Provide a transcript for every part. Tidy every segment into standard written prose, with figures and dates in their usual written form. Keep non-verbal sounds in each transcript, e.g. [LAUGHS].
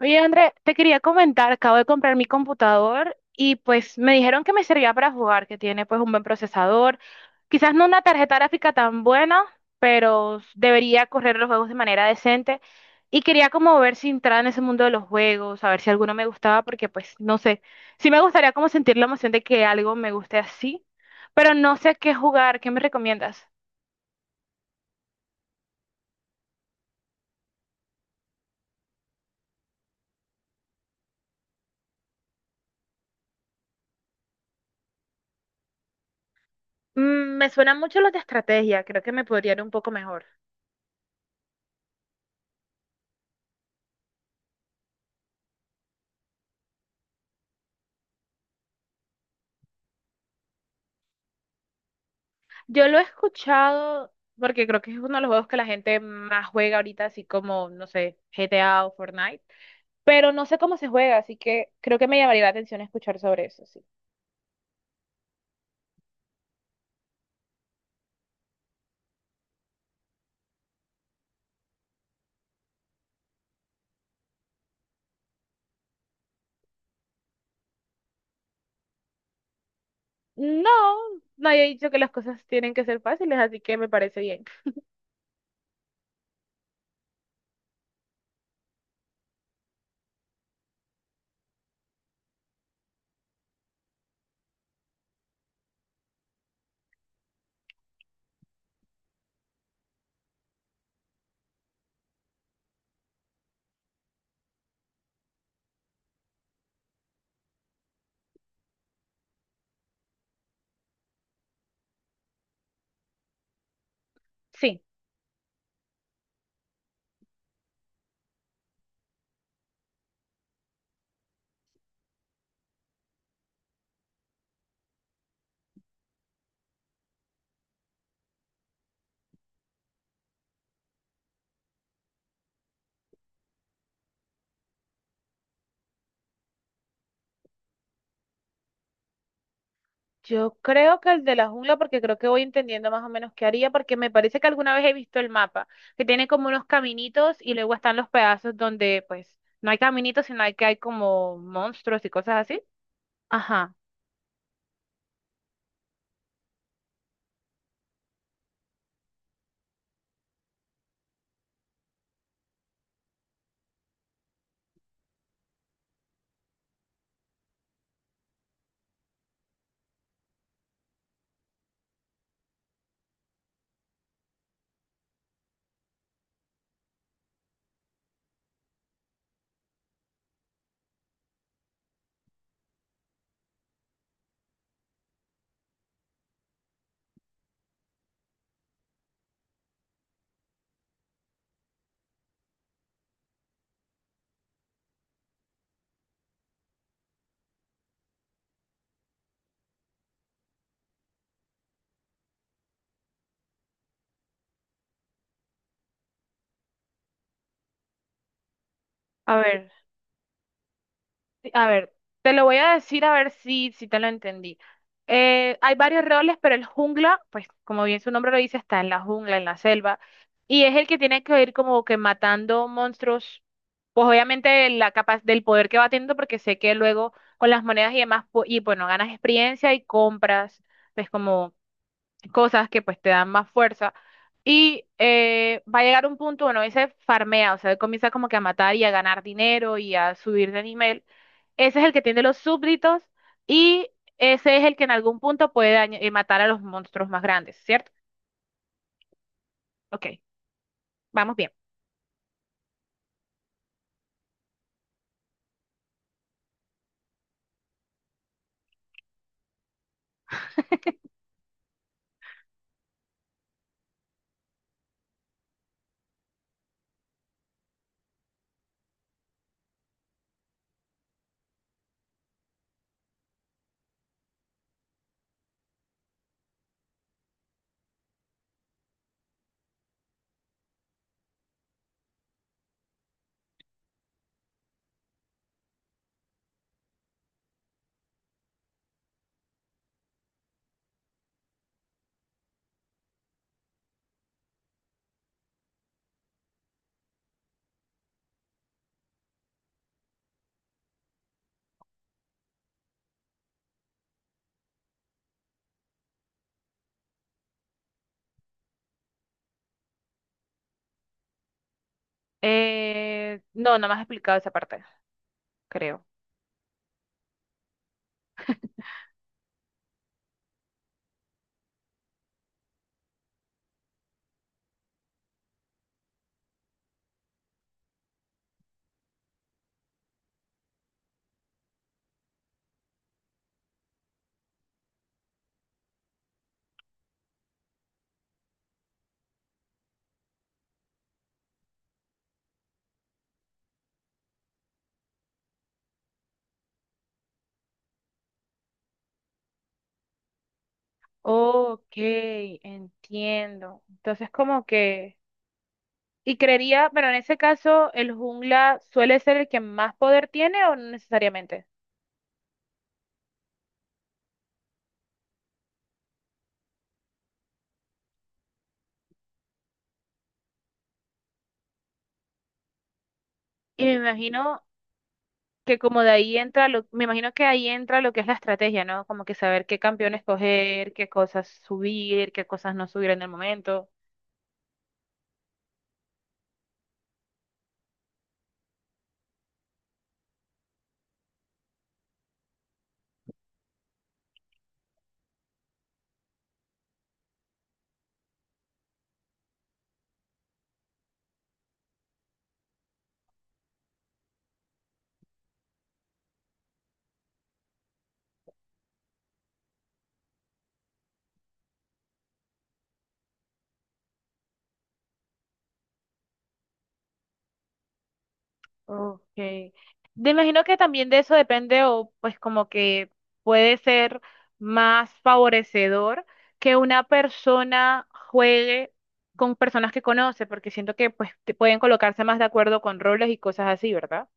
Oye, André, te quería comentar, acabo de comprar mi computador y pues me dijeron que me servía para jugar, que tiene pues un buen procesador, quizás no una tarjeta gráfica tan buena, pero debería correr los juegos de manera decente y quería como ver si entraba en ese mundo de los juegos, a ver si alguno me gustaba, porque pues no sé, sí me gustaría como sentir la emoción de que algo me guste así, pero no sé qué jugar, ¿qué me recomiendas? Mm, me suenan mucho los de estrategia, creo que me podría ir un poco mejor. Yo lo he escuchado porque creo que es uno de los juegos que la gente más juega ahorita, así como, no sé, GTA o Fortnite, pero no sé cómo se juega, así que creo que me llamaría la atención escuchar sobre eso, sí. No, nadie ha dicho que las cosas tienen que ser fáciles, así que me parece bien. Sí, yo creo que el de la jungla, porque creo que voy entendiendo más o menos qué haría, porque me parece que alguna vez he visto el mapa, que tiene como unos caminitos y luego están los pedazos donde, pues, no hay caminitos, sino hay que hay como monstruos y cosas así. Ajá. A ver. Sí, a ver, te lo voy a decir a ver si te lo entendí. Hay varios roles, pero el jungla, pues como bien su nombre lo dice, está en la jungla, en la selva, y es el que tiene que ir como que matando monstruos, pues obviamente la capa del poder que va teniendo, porque sé que luego con las monedas y demás, y bueno, ganas experiencia y compras, pues como cosas que pues te dan más fuerza. Y va a llegar un punto, bueno, ese farmea, o sea, él comienza como que a matar y a ganar dinero y a subir de nivel. Ese es el que tiene los súbditos y ese es el que en algún punto puede matar a los monstruos más grandes, ¿cierto? Ok, vamos bien. No, no me has explicado esa parte, creo. Ok, entiendo. Entonces como que... Y creería, bueno, en ese caso, el jungla suele ser el que más poder tiene o no necesariamente. Y me imagino que como de ahí entra lo, me imagino que ahí entra lo que es la estrategia, ¿no? Como que saber qué campeón escoger, qué cosas subir, qué cosas no subir en el momento. Okay. Me imagino que también de eso depende o pues como que puede ser más favorecedor que una persona juegue con personas que conoce, porque siento que pues te pueden colocarse más de acuerdo con roles y cosas así, ¿verdad?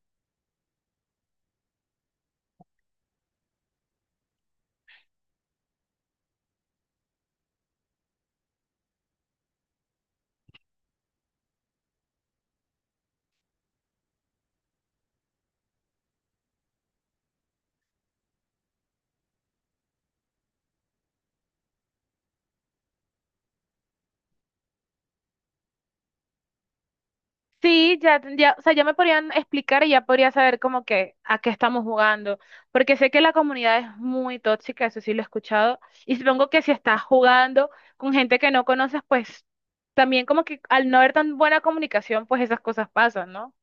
Sí, ya tendría, o sea, ya me podrían explicar y ya podría saber como que a qué estamos jugando, porque sé que la comunidad es muy tóxica, eso sí lo he escuchado, y supongo que si estás jugando con gente que no conoces, pues también como que al no haber tan buena comunicación, pues esas cosas pasan, ¿no?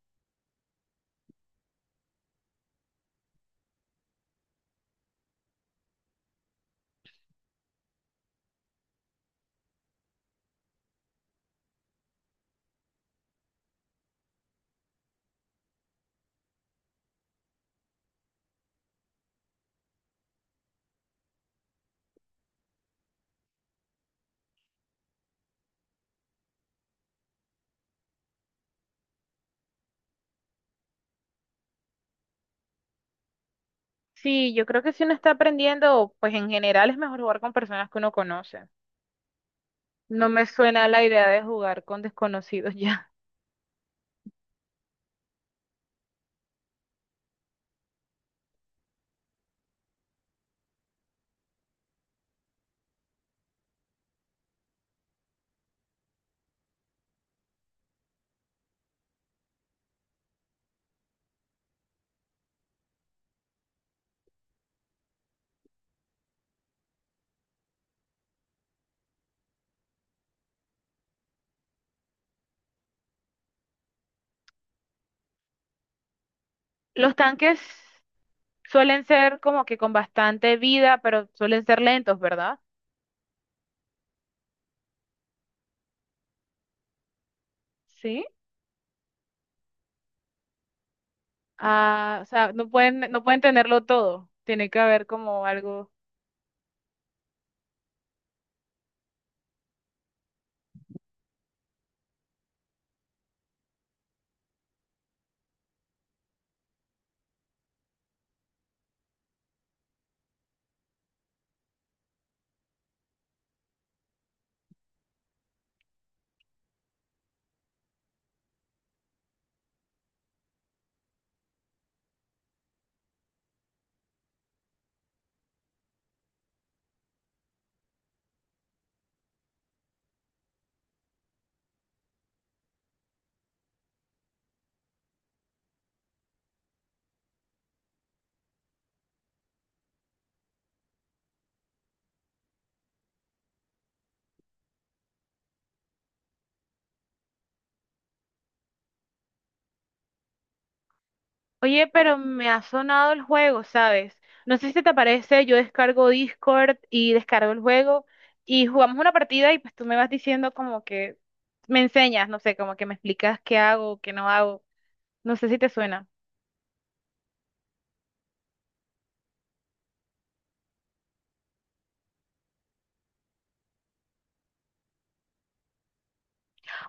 Sí, yo creo que si uno está aprendiendo, pues en general es mejor jugar con personas que uno conoce. No me suena la idea de jugar con desconocidos [LAUGHS] ya. Los tanques suelen ser como que con bastante vida, pero suelen ser lentos, ¿verdad? ¿Sí? Ah, o sea, no pueden, no pueden tenerlo todo. Tiene que haber como algo. Oye, pero me ha sonado el juego, ¿sabes? No sé si te parece, yo descargo Discord y descargo el juego y jugamos una partida y pues tú me vas diciendo como que me enseñas, no sé, como que me explicas qué hago, qué no hago. No sé si te suena.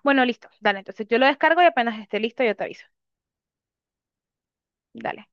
Bueno, listo, dale, entonces yo lo descargo y apenas esté listo yo te aviso. Dale.